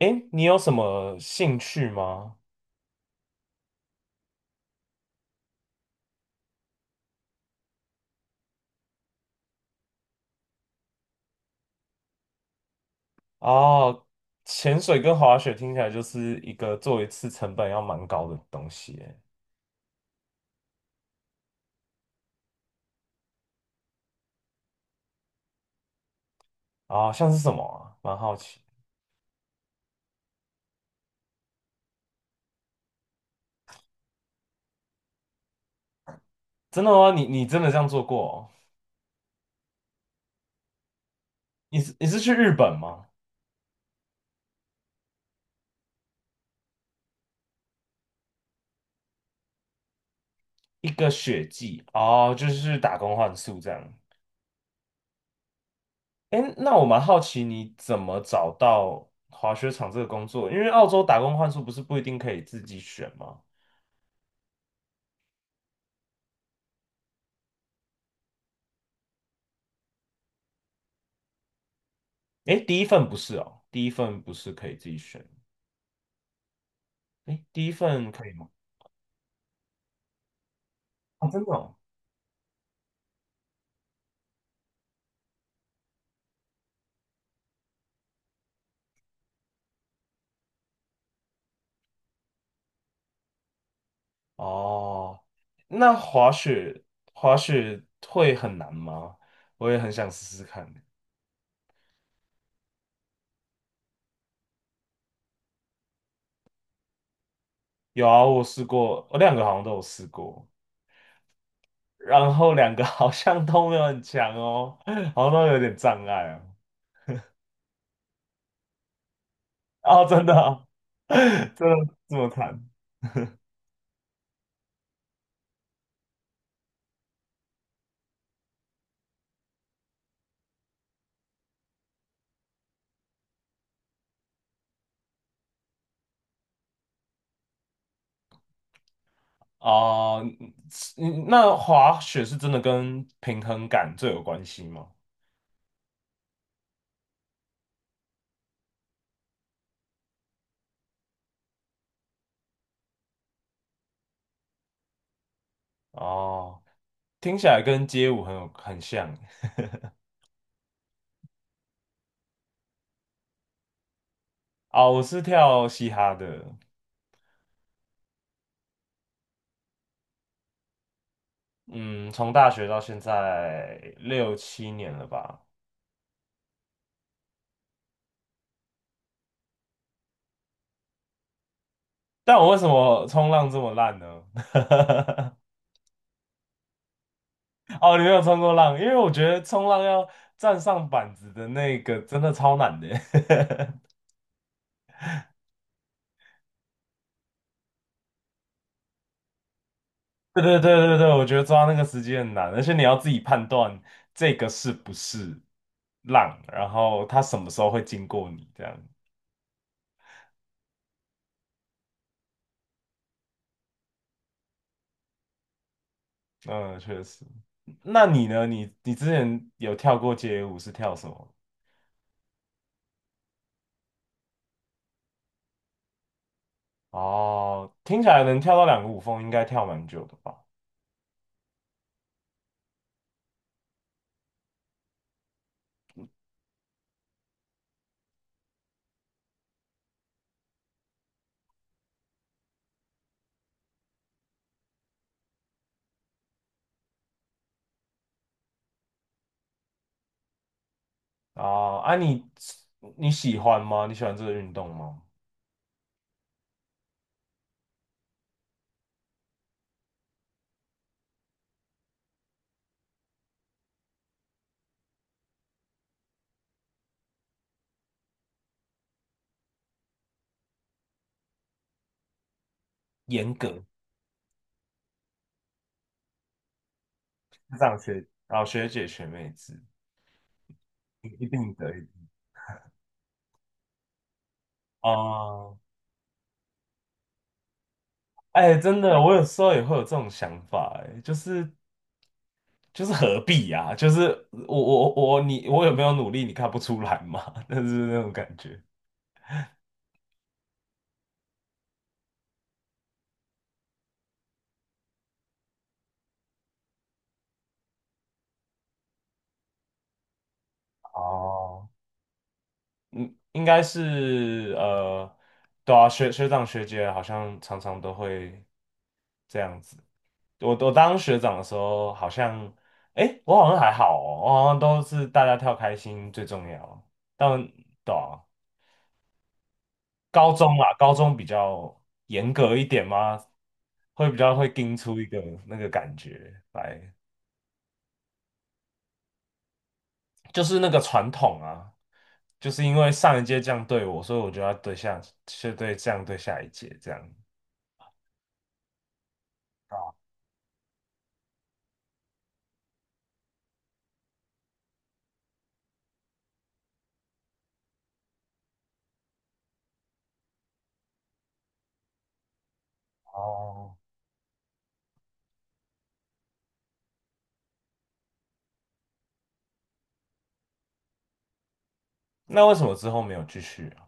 诶，你有什么兴趣吗？哦，潜水跟滑雪听起来就是一个做一次成本要蛮高的东西耶。啊、像是什么啊？蛮好奇。真的吗？你真的这样做过哦？你是去日本吗？一个雪季哦，就是打工换宿这样。哎，那我蛮好奇你怎么找到滑雪场这个工作？因为澳洲打工换宿不是不一定可以自己选吗？哎，第一份不是哦，第一份不是可以自己选。哎，第一份可以吗？啊，真的哦，哦，那滑雪会很难吗？我也很想试试看。有啊，我试过，我两个好像都有试过，然后两个 好像都没有很强哦，好像都有点障碍哦。哦，真的啊，真的这么惨哦？你那滑雪是真的跟平衡感最有关系吗？哦，听起来跟街舞很像。啊、我是跳嘻哈的，嗯，从大学到现在六七年了吧。但我为什么冲浪这么烂呢？哦，你没有冲过浪，因为我觉得冲浪要站上板子的那个真的超难的。对对对对对，我觉得抓那个时机很难，而且你要自己判断这个是不是浪，然后它什么时候会经过你这样。嗯，确实。那你呢？你之前有跳过街舞是跳什么？哦，听起来能跳到两个舞风，应该跳蛮久的吧？哦，你喜欢吗？你喜欢这个运动吗？严格这样学，啊，学姐学妹子一定得哦，哎，真的，我有时候也会有这种想法，哎，就是何必呀、就是我有没有努力，你看不出来嘛？但是那种感觉。哦，应该是，对啊，学长学姐好像常常都会这样子。我当学长的时候，好像，诶，我好像还好哦，我好像都是大家跳开心最重要。但对啊，高中啦，高中比较严格一点嘛，会比较会盯出一个那个感觉来，就是那个传统啊，就是因为上一届这样对我，所以我就要对下，是对这样对下一届这样。哦，那为什么之后没有继续啊？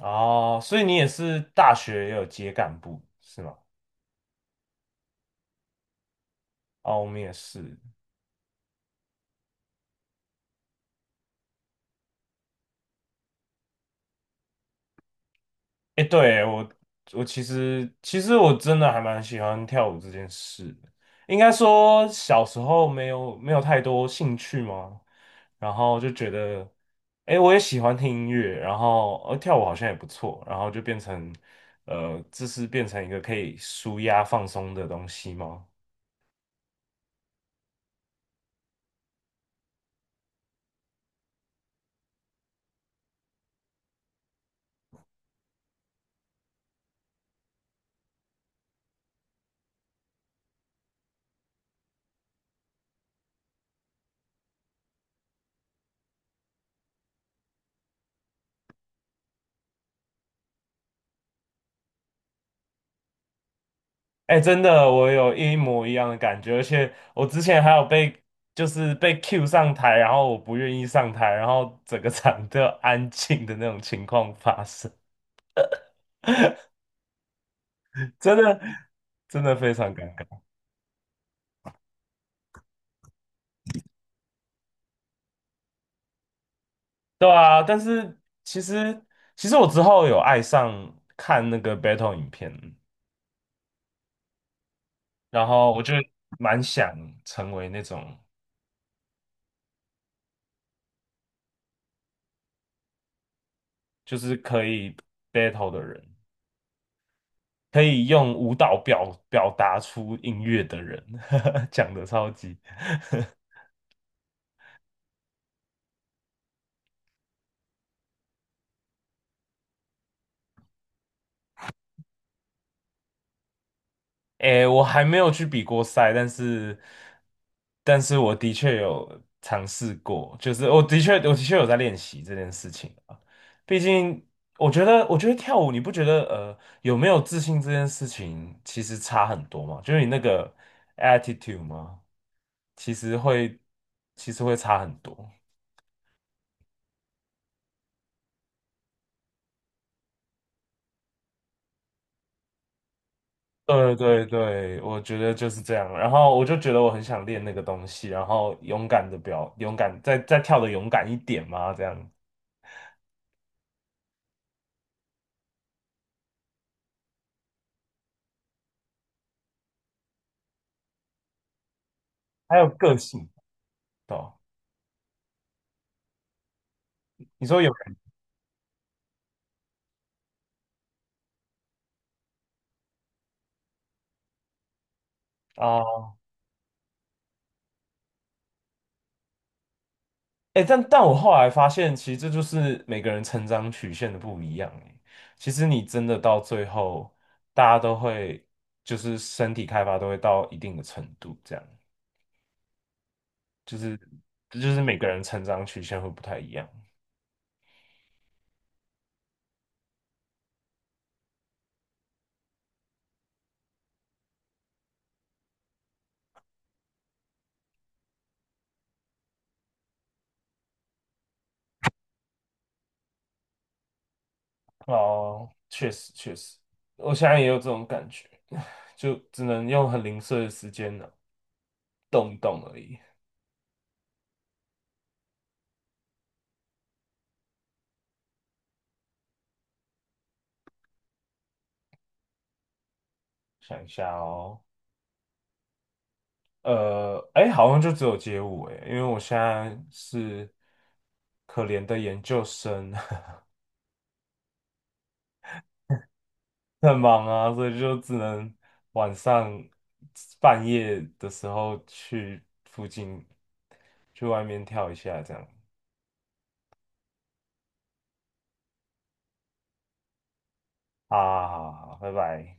哦，所以你也是大学也有接干部是吗？哦，我们也是。哎，对，我其实我真的还蛮喜欢跳舞这件事的，应该说小时候没有太多兴趣吗？然后就觉得，哎，我也喜欢听音乐，然后跳舞好像也不错，然后就变成这是变成一个可以舒压放松的东西吗？哎，真的，我有一模一样的感觉，而且我之前还有被Q 上台，然后我不愿意上台，然后整个场都要安静的那种情况发生，真的真的非常尴尬。对啊，但是其实其实我之后有爱上看那个 battle 影片，然后我就蛮想成为那种就是可以 battle 的人。可以用舞蹈表达出音乐的人，讲的超级。诶，我还没有去比过赛，但是我的确有尝试过，就是我的确有在练习这件事情啊。毕竟，我觉得跳舞，你不觉得有没有自信这件事情其实差很多嘛？就是你那个 attitude 吗？其实会，其实会差很多。对对对，我觉得就是这样。然后我就觉得我很想练那个东西，然后勇敢，再跳的勇敢一点嘛，这样。还有个性，对吧你说有啊？哎、但我后来发现，其实这就是每个人成长曲线的不一样、欸。其实你真的到最后，大家都会就是身体开发都会到一定的程度，这样就是这就是每个人成长曲线会不太一样。哦，确实确实，我现在也有这种感觉，就只能用很零碎的时间呢，动一动而已。想一下哦，哎，好像就只有街舞哎，因为我现在是可怜的研究生，很忙啊，所以就只能晚上半夜的时候去附近去外面跳一下这样。好好好，好拜拜。